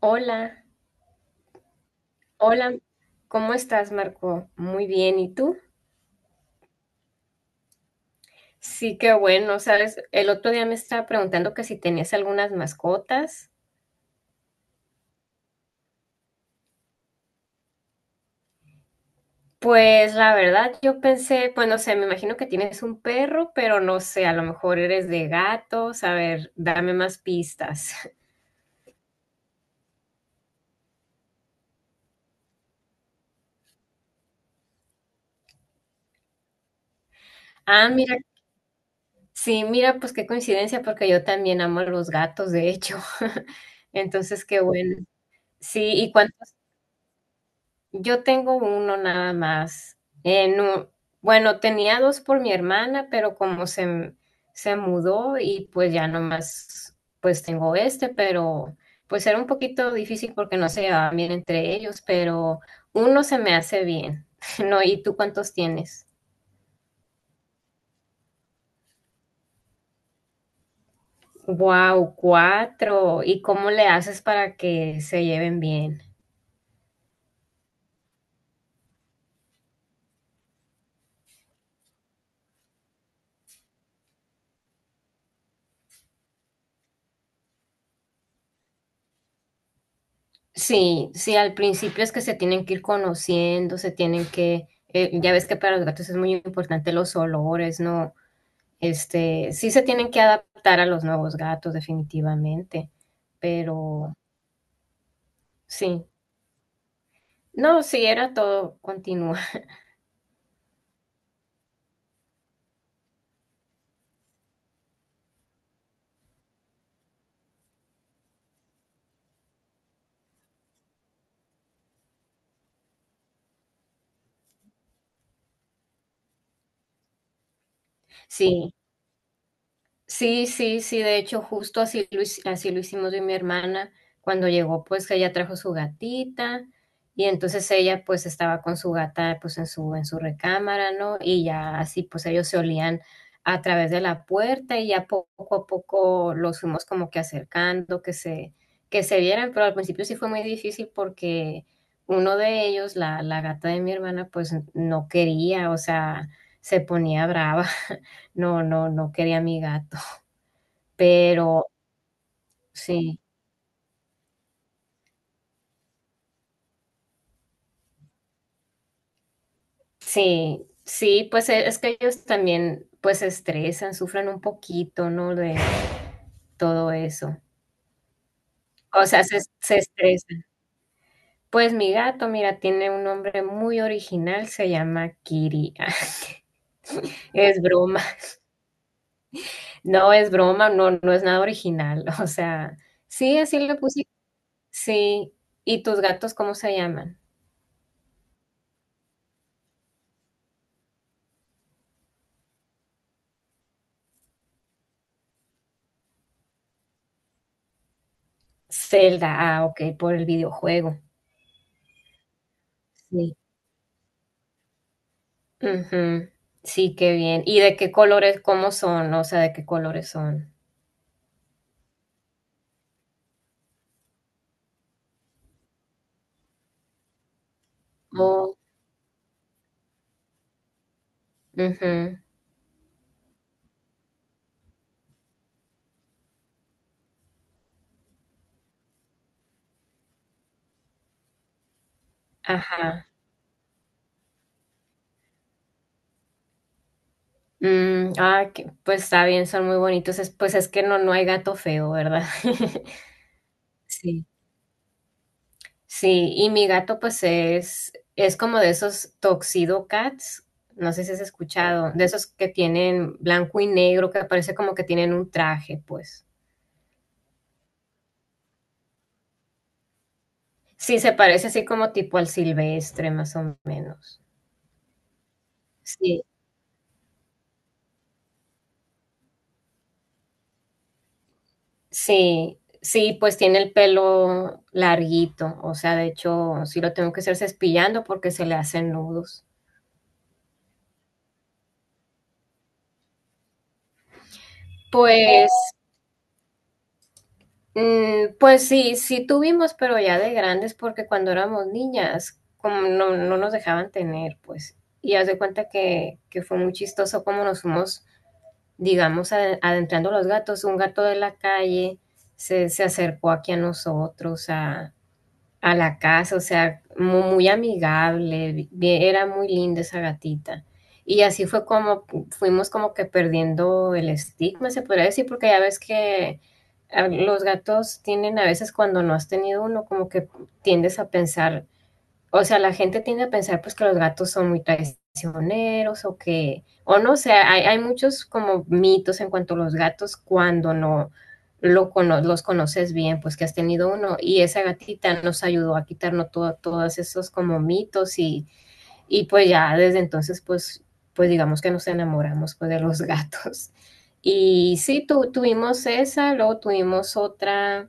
Hola, hola, ¿cómo estás, Marco? Muy bien, ¿y tú? Sí, qué bueno, sabes, el otro día me estaba preguntando que si tenías algunas mascotas. Pues la verdad, yo pensé, pues no sé, me imagino que tienes un perro, pero no sé, a lo mejor eres de gatos, a ver, dame más pistas. Ah, mira, sí, mira, pues qué coincidencia, porque yo también amo a los gatos, de hecho. Entonces, qué bueno. Sí, ¿y cuánto? Yo tengo uno nada más. No, bueno, tenía dos por mi hermana, pero como se, se mudó y pues ya nomás, pues tengo este, pero pues era un poquito difícil porque no se llevaban bien entre ellos, pero uno se me hace bien. No, ¿y tú cuántos tienes? Wow, cuatro. ¿Y cómo le haces para que se lleven bien? Sí, sí, al principio es que se tienen que ir conociendo, ya ves que para los gatos es muy importante los olores, ¿no? Este, sí se tienen que adaptar a los nuevos gatos, definitivamente, pero sí, no, sí, era todo, continúa. Sí. Sí, sí, sí, de hecho, justo así lo, hic- así lo hicimos yo y mi hermana. Cuando llegó, pues que ella trajo su gatita y entonces ella pues estaba con su gata pues en su recámara, ¿no? Y ya así pues ellos se olían a través de la puerta y ya poco a poco los fuimos como que acercando, que se vieran, pero al principio sí fue muy difícil porque uno de ellos, la gata de mi hermana, pues no quería, o sea, se ponía brava. No, no, no quería a mi gata. Pero sí, sí, sí, pues es que ellos también pues se estresan, sufren un poquito, ¿no? De todo eso. O sea, se estresan. Pues mi gato, mira, tiene un nombre muy original, se llama Kiri. Es broma, no es broma, no, no es nada original. O sea, sí, así le puse, sí. ¿Y tus gatos cómo se llaman? Zelda, ah, ok, por el videojuego. Sí. Ujú. Sí, qué bien. ¿Y de qué colores, cómo son? O sea, ¿de qué colores son? Oh, ujú, ajá. Mm, ah, que pues está bien, son muy bonitos. Es, pues es que no, no hay gato feo, ¿verdad? Sí. Sí, y mi gato pues es como de esos Tuxedo Cats, no sé si has escuchado, de esos que tienen blanco y negro, que parece como que tienen un traje, pues. Sí, se parece así como tipo al silvestre, más o menos. Sí. Sí, sí, pues tiene el pelo larguito, o sea, de hecho, sí lo tengo que hacer cepillando porque se le hacen nudos. Pues, mm, pues sí, sí tuvimos, pero ya de grandes, porque cuando éramos niñas, como no, no nos dejaban tener, pues, y haz de cuenta que fue muy chistoso como nos fuimos, digamos, adentrando los gatos. Un gato de la calle se acercó aquí a nosotros a la casa, o sea, muy, amigable, era muy linda esa gatita. Y así fue como fuimos como que perdiendo el estigma, se podría decir, porque ya ves que los gatos tienen a veces cuando no has tenido uno, como que tiendes a pensar, o sea, la gente tiende a pensar pues que los gatos son muy traicioneros o que, o no, o sea, hay muchos como mitos en cuanto a los gatos cuando no los conoces bien, pues que has tenido uno y esa gatita nos ayudó a quitarnos todos esos como mitos y pues ya desde entonces pues, pues digamos que nos enamoramos pues de los gatos. Y sí, tuvimos esa, luego tuvimos otra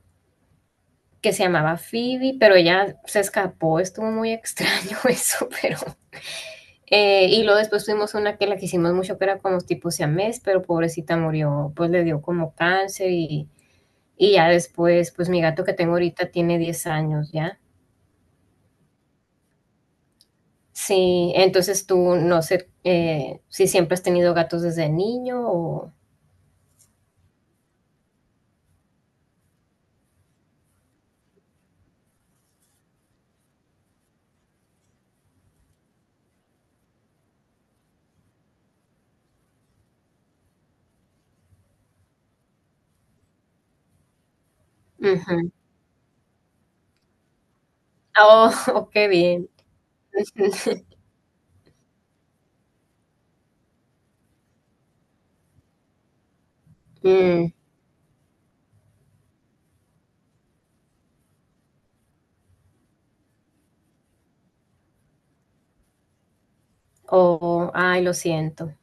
que se llamaba Phoebe, pero ella se escapó, estuvo muy extraño eso, pero... y luego después tuvimos una que la quisimos mucho, que era como tipo siamés, pero pobrecita murió, pues le dio como cáncer y ya después, pues mi gato que tengo ahorita tiene 10 años ya. Sí, entonces tú no sé si siempre has tenido gatos desde niño o... Ujú. Oh, oh, qué bien. Mm, oh, ay, lo siento.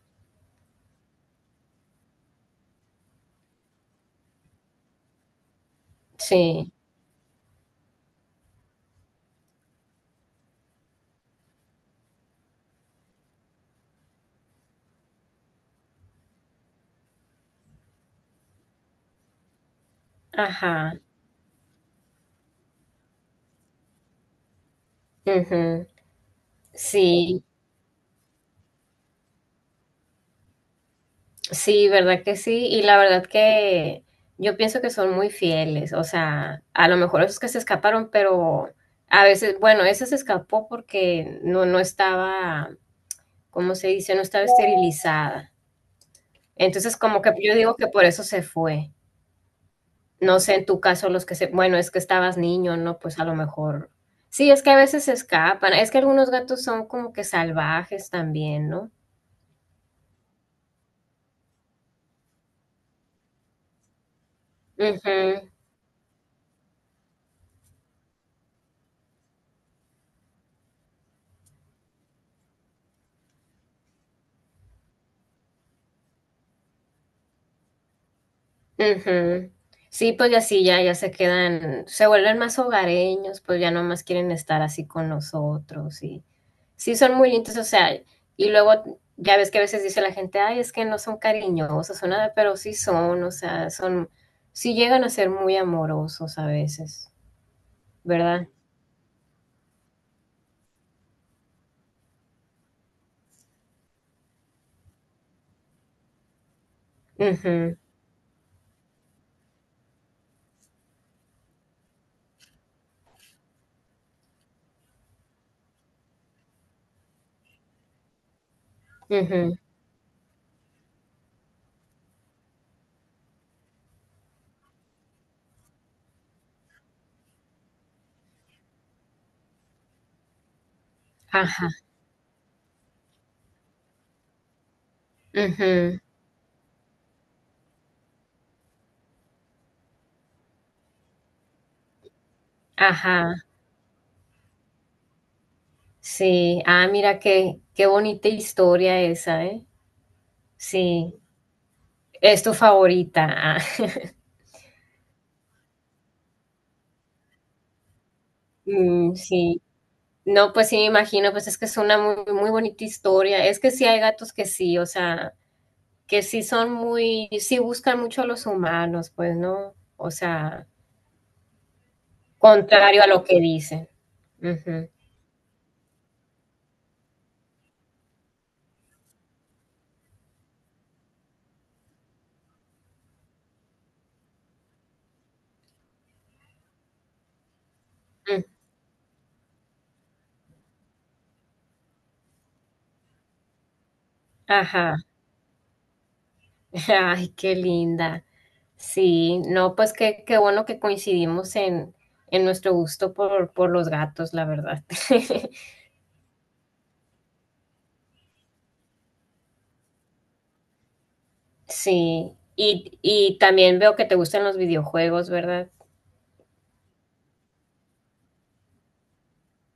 Sí, ajá. Ujú. Sí. Sí, verdad que sí. Y la verdad que yo pienso que son muy fieles. O sea, a lo mejor esos que se escaparon, pero a veces, bueno, ese se escapó porque no, no estaba, ¿cómo se dice? No estaba esterilizada. Entonces, como que yo digo que por eso se fue. No sé, en tu caso, los que se, bueno, es que estabas niño, ¿no? Pues a lo mejor. Sí, es que a veces se escapan. Es que algunos gatos son como que salvajes también, ¿no? Ujú. Ujú. Sí, pues ya sí, ya se quedan, se vuelven más hogareños, pues ya no más quieren estar así con nosotros y sí son muy lindos, o sea, y luego ya ves que a veces dice la gente, ay, es que no son cariñosos o nada, pero sí son, o sea, son, sí llegan a ser muy amorosos a veces, ¿verdad? Ujú, ujú, Ajá, ujú, ajá, sí, ah, mira qué bonita historia esa, ¿eh? Sí, es tu favorita. Ah. Mm, sí, no, pues sí, me imagino, pues es que es una muy, muy bonita historia. Es que sí hay gatos que sí, o sea, que sí son muy, sí buscan mucho a los humanos, pues, ¿no? O sea, contrario a lo que dicen. Ujú, mm, Ajá, ay, qué linda. Sí, no, pues qué bueno que coincidimos en nuestro gusto por los gatos, la verdad. Sí, y también veo que te gustan los videojuegos, ¿verdad?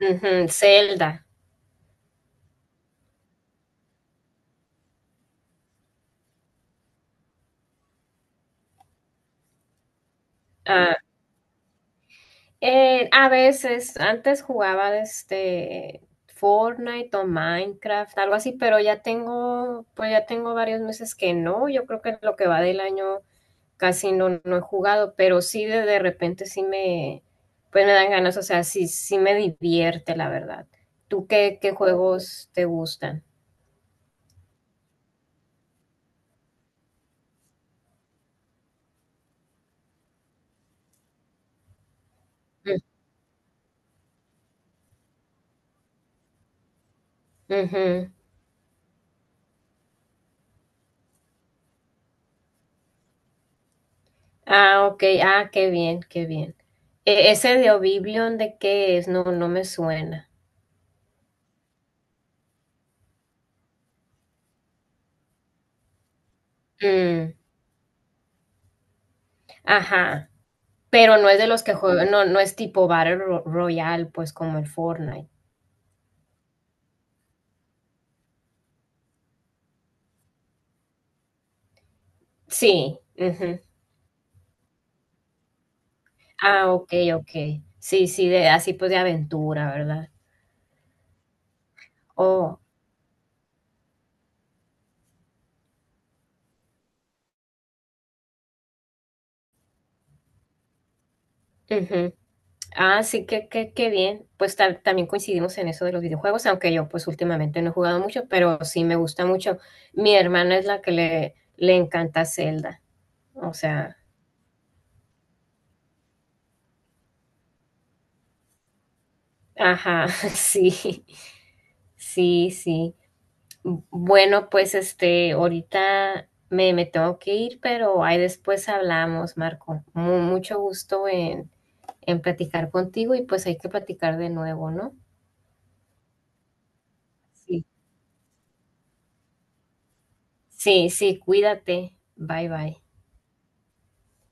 Ujú, Zelda. Ah, a veces, antes jugaba este Fortnite o Minecraft, algo así, pero ya tengo, pues ya tengo varios meses que no. Yo creo que lo que va del año casi no, no he jugado, pero sí de repente sí me, pues me dan ganas, o sea, sí, sí me divierte, la verdad. ¿Tú qué juegos te gustan? Mm, ujú. Ah, ok, ah, qué bien, qué bien. Ese de Oblivion, ¿de qué es? No, no me suena. Mm. Ajá, pero no es de los que juegan, no, no es tipo Royale, pues como el Fortnite. Sí, ujú. Ah, ok, ok. Sí, sí, de, así pues de aventura, ¿verdad? Oh, ujú. Ah, sí, que, qué bien. Pues también coincidimos en eso de los videojuegos, aunque yo pues últimamente no he jugado mucho, pero sí me gusta mucho. Mi hermana es la que le encanta Zelda. O sea, ajá, sí, sí, sí. Bueno, pues este, ahorita me, me tengo que ir, pero ahí después hablamos, Marco. Mucho gusto en platicar contigo y pues hay que platicar de nuevo, ¿no? Sí. Sí, sí, cuídate. Bye, bye.